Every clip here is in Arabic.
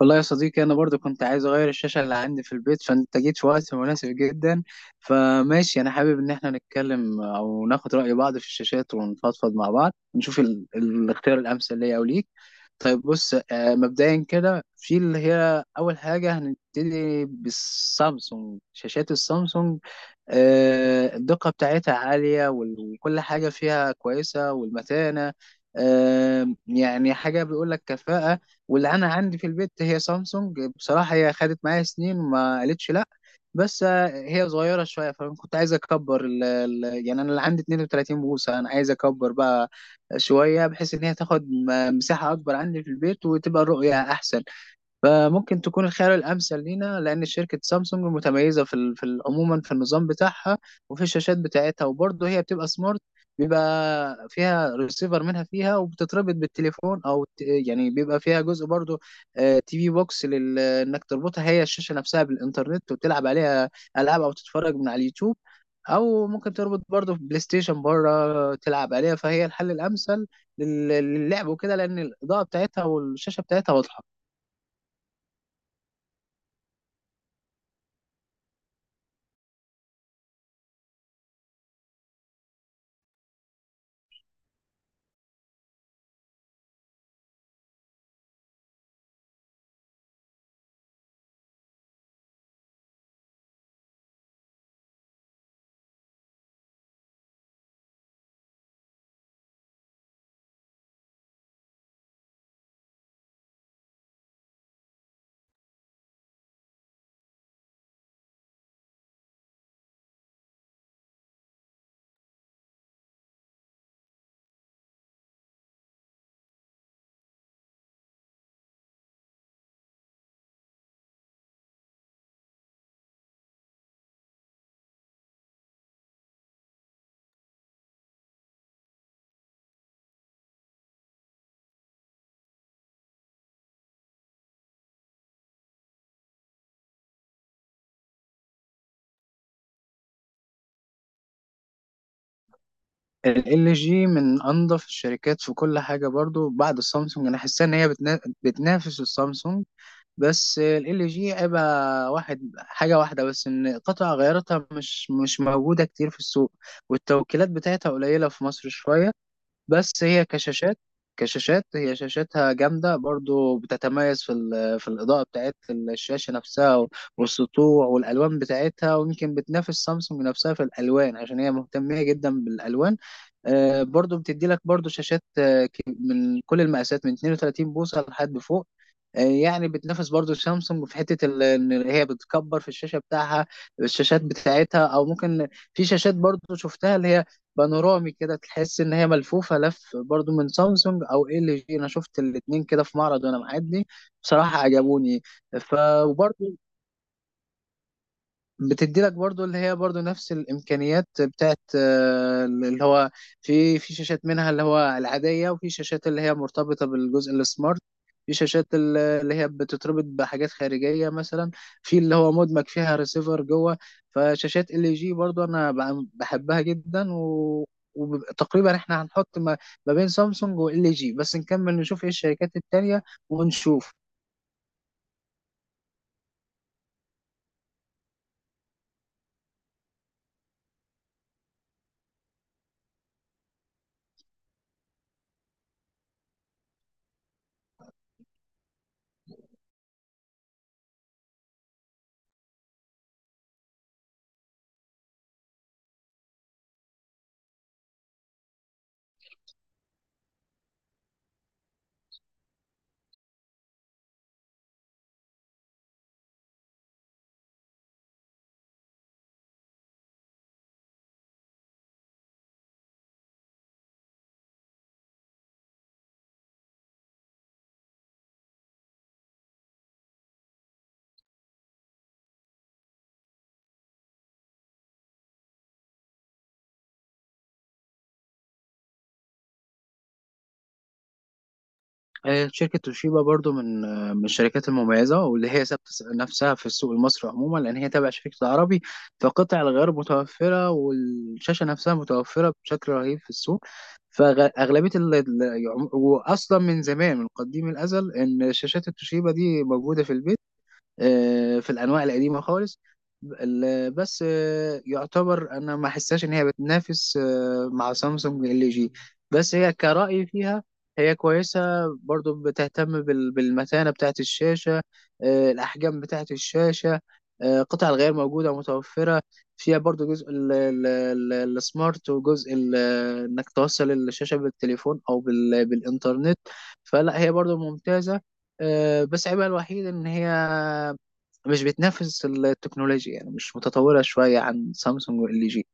والله يا صديقي انا برضو كنت عايز اغير الشاشه اللي عندي في البيت، فانت جيت في وقت مناسب جدا. فماشي انا حابب ان احنا نتكلم او ناخد راي بعض في الشاشات ونفضفض مع بعض نشوف الاختيار الامثل ليا او ليك. طيب بص، مبدئيا كده في اللي هي اول حاجه هنبتدي بالسامسونج، شاشات السامسونج. الدقة بتاعتها عالية وكل حاجة فيها كويسة والمتانة. يعني حاجة بيقول لك كفاءة. واللي أنا عندي في البيت هي سامسونج، بصراحة هي خدت معايا سنين ما قالتش لأ. بس هي صغيرة شوية، فأنا كنت عايز أكبر يعني أنا اللي عندي 32 بوصة، أنا عايز أكبر بقى شوية بحيث إن هي تاخد مساحة أكبر عندي في البيت وتبقى الرؤية أحسن. فممكن تكون الخيار الأمثل لينا، لأن شركة سامسونج متميزة عموما في النظام بتاعها وفي الشاشات بتاعتها. وبرضه هي بتبقى سمارت، بيبقى فيها ريسيفر منها، فيها وبتتربط بالتليفون أو يعني بيبقى فيها جزء برضه. تي في بوكس إنك تربطها هي الشاشة نفسها بالإنترنت وتلعب عليها ألعاب أو تتفرج من على اليوتيوب، أو ممكن تربط برضه بلاي ستيشن بره تلعب عليها. فهي الحل الأمثل لل- للعب وكده، لأن الإضاءة بتاعتها والشاشة بتاعتها واضحة. ال جي من انظف الشركات في كل حاجه، برضو بعد السامسونج انا حاسه ان هي بتنافس السامسونج. بس ال جي عيبها حاجه واحده بس، ان قطع غياراتها مش موجوده كتير في السوق، والتوكيلات بتاعتها قليله في مصر شويه. بس هي كشاشات، كشاشات هي شاشاتها جامدة برضو، بتتميز في الإضاءة بتاعت الشاشة نفسها والسطوع والألوان بتاعتها، ويمكن بتنافس سامسونج نفسها في الألوان عشان هي مهتمة جدا بالألوان. برضو بتدي لك برضو شاشات، من كل المقاسات من 32 بوصة لحد فوق. يعني بتنافس برضو سامسونج في حتة ان هي بتكبر في الشاشة بتاعها، الشاشات بتاعتها او ممكن. في شاشات برضو شفتها اللي هي بانورامي كده، تحس ان هي ملفوفة لف، برضو من سامسونج او ال جي، انا شفت الاتنين كده في معرض وانا معدي، بصراحة عجبوني. ف وبرضو بتدي لك برضو اللي هي برضو نفس الامكانيات بتاعت اللي هو في شاشات منها اللي هو العاديه، وفي شاشات اللي هي مرتبطه بالجزء السمارت. في شاشات اللي هي بتتربط بحاجات خارجيه، مثلا في اللي هو مدمج فيها ريسيفر جوه. فشاشات ال جي برضو انا بحبها جدا، وتقريبا احنا هنحط ما بين سامسونج وال جي، بس نكمل نشوف ايه الشركات التانية ونشوف. شركة توشيبا برضو من الشركات المميزة، واللي هي ثابتة نفسها في السوق المصري عموما، لأن هي تابعة شركة العربي. فقطع الغيار متوفرة والشاشة نفسها متوفرة بشكل رهيب في السوق. فأغلبية وأصلا من زمان من قديم الأزل إن شاشات التوشيبا دي موجودة في البيت. في الانواع القديمه خالص. بس يعتبر انا ما حساش ان هي بتنافس مع سامسونج ال جي. بس هي كرأي فيها هي كويسة، برضو بتهتم بالمتانة بتاعة الشاشة. الأحجام بتاعة الشاشة. قطع الغيار موجودة متوفرة. فيها برضو جزء السمارت وجزء إنك توصل الشاشة بالتليفون أو بالإنترنت. فلا هي برضو ممتازة. بس عيبها الوحيد إن هي مش بتنافس التكنولوجيا، يعني مش متطورة شوية عن سامسونج وال جي.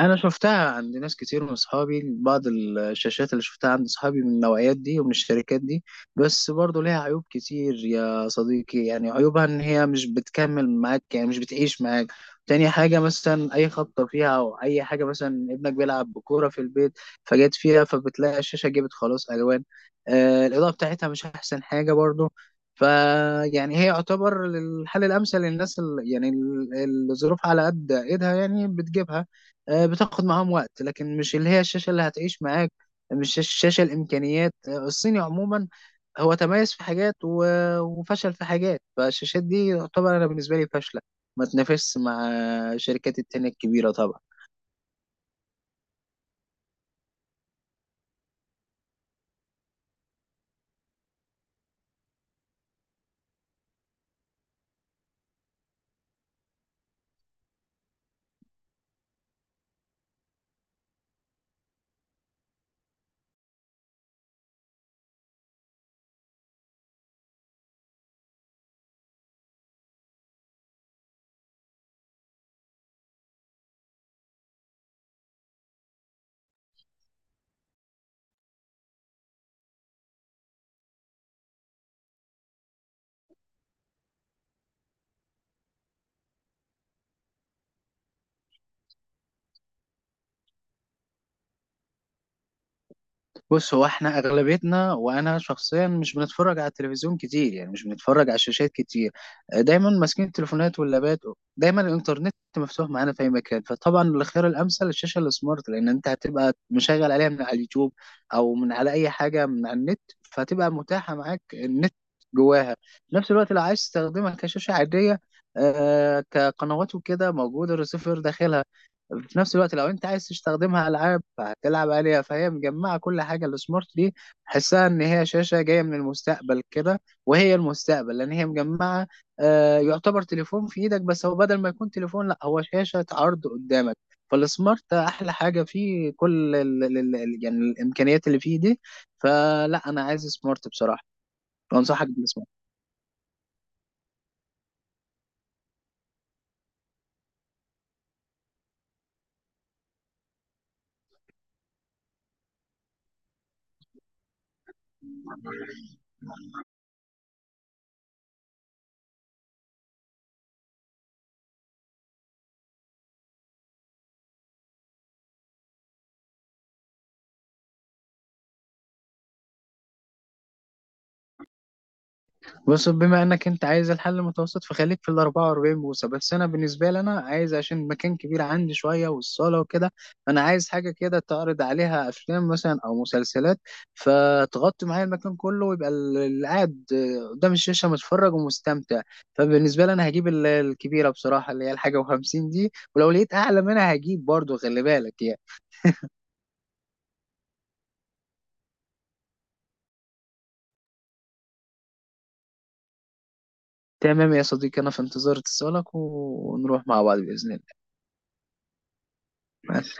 انا شفتها عند ناس كتير من اصحابي، بعض الشاشات اللي شفتها عند اصحابي من النوعيات دي ومن الشركات دي. بس برضو ليها عيوب كتير يا صديقي، يعني عيوبها ان هي مش بتكمل معاك، يعني مش بتعيش معاك. تاني حاجة مثلا أي خبطة فيها أو أي حاجة، مثلا ابنك بيلعب بكورة في البيت فجت فيها، فبتلاقي الشاشة جابت خلاص ألوان. الإضاءة بتاعتها مش أحسن حاجة برضو. فيعني هي يعتبر الحل الأمثل للناس يعني الظروف على قد إيدها، يعني بتجيبها. بتاخد معاهم وقت لكن مش اللي هي الشاشة اللي هتعيش معاك، مش الشاشة الإمكانيات. الصيني عموما هو تميز في حاجات وفشل في حاجات. فالشاشات دي طبعا أنا بالنسبة لي فاشلة، ما تنافسش مع الشركات التانية الكبيرة طبعا. بص، هو احنا اغلبيتنا وانا شخصيا مش بنتفرج على التلفزيون كتير، يعني مش بنتفرج على الشاشات كتير. دايما ماسكين التليفونات واللابات، دايما الانترنت مفتوح معانا في اي مكان. فطبعا الخيار الامثل الشاشه السمارت، لان انت هتبقى مشغل عليها من على اليوتيوب او من على اي حاجه من على النت، فهتبقى متاحه معاك النت جواها. في نفس الوقت لو عايز تستخدمها كشاشه عاديه، كقنوات وكده، موجوده الريسيفر داخلها. في نفس الوقت لو انت عايز تستخدمها العاب فهتلعب عليها، فهي مجمعه كل حاجه السمارت دي. حسها ان هي شاشه جايه من المستقبل كده، وهي المستقبل لان هي مجمعه. يعتبر تليفون في ايدك، بس هو بدل ما يكون تليفون لا، هو شاشه عرض قدامك. فالسمارت ده احلى حاجه فيه، كل ال ال ال يعني الامكانيات اللي فيه دي. فلا انا عايز سمارت بصراحه، وانصحك بالسمارت. بص، بما انك انت عايز الحل المتوسط فخليك في ال 44 بوصه، بس انا بالنسبه لي انا عايز عشان مكان كبير عندي شويه والصاله وكده. فانا عايز حاجه كده تعرض عليها افلام مثلا او مسلسلات، فتغطي معايا المكان كله، ويبقى اللي قاعد قدام الشاشه متفرج ومستمتع. فبالنسبه لي انا هجيب الكبيره بصراحه اللي هي الحاجه و50 دي، ولو لقيت اعلى منها هجيب برضو، خلي بالك يعني. تمام يا صديقي، انا في انتظار اتصالك، ونروح مع بعض باذن الله. مع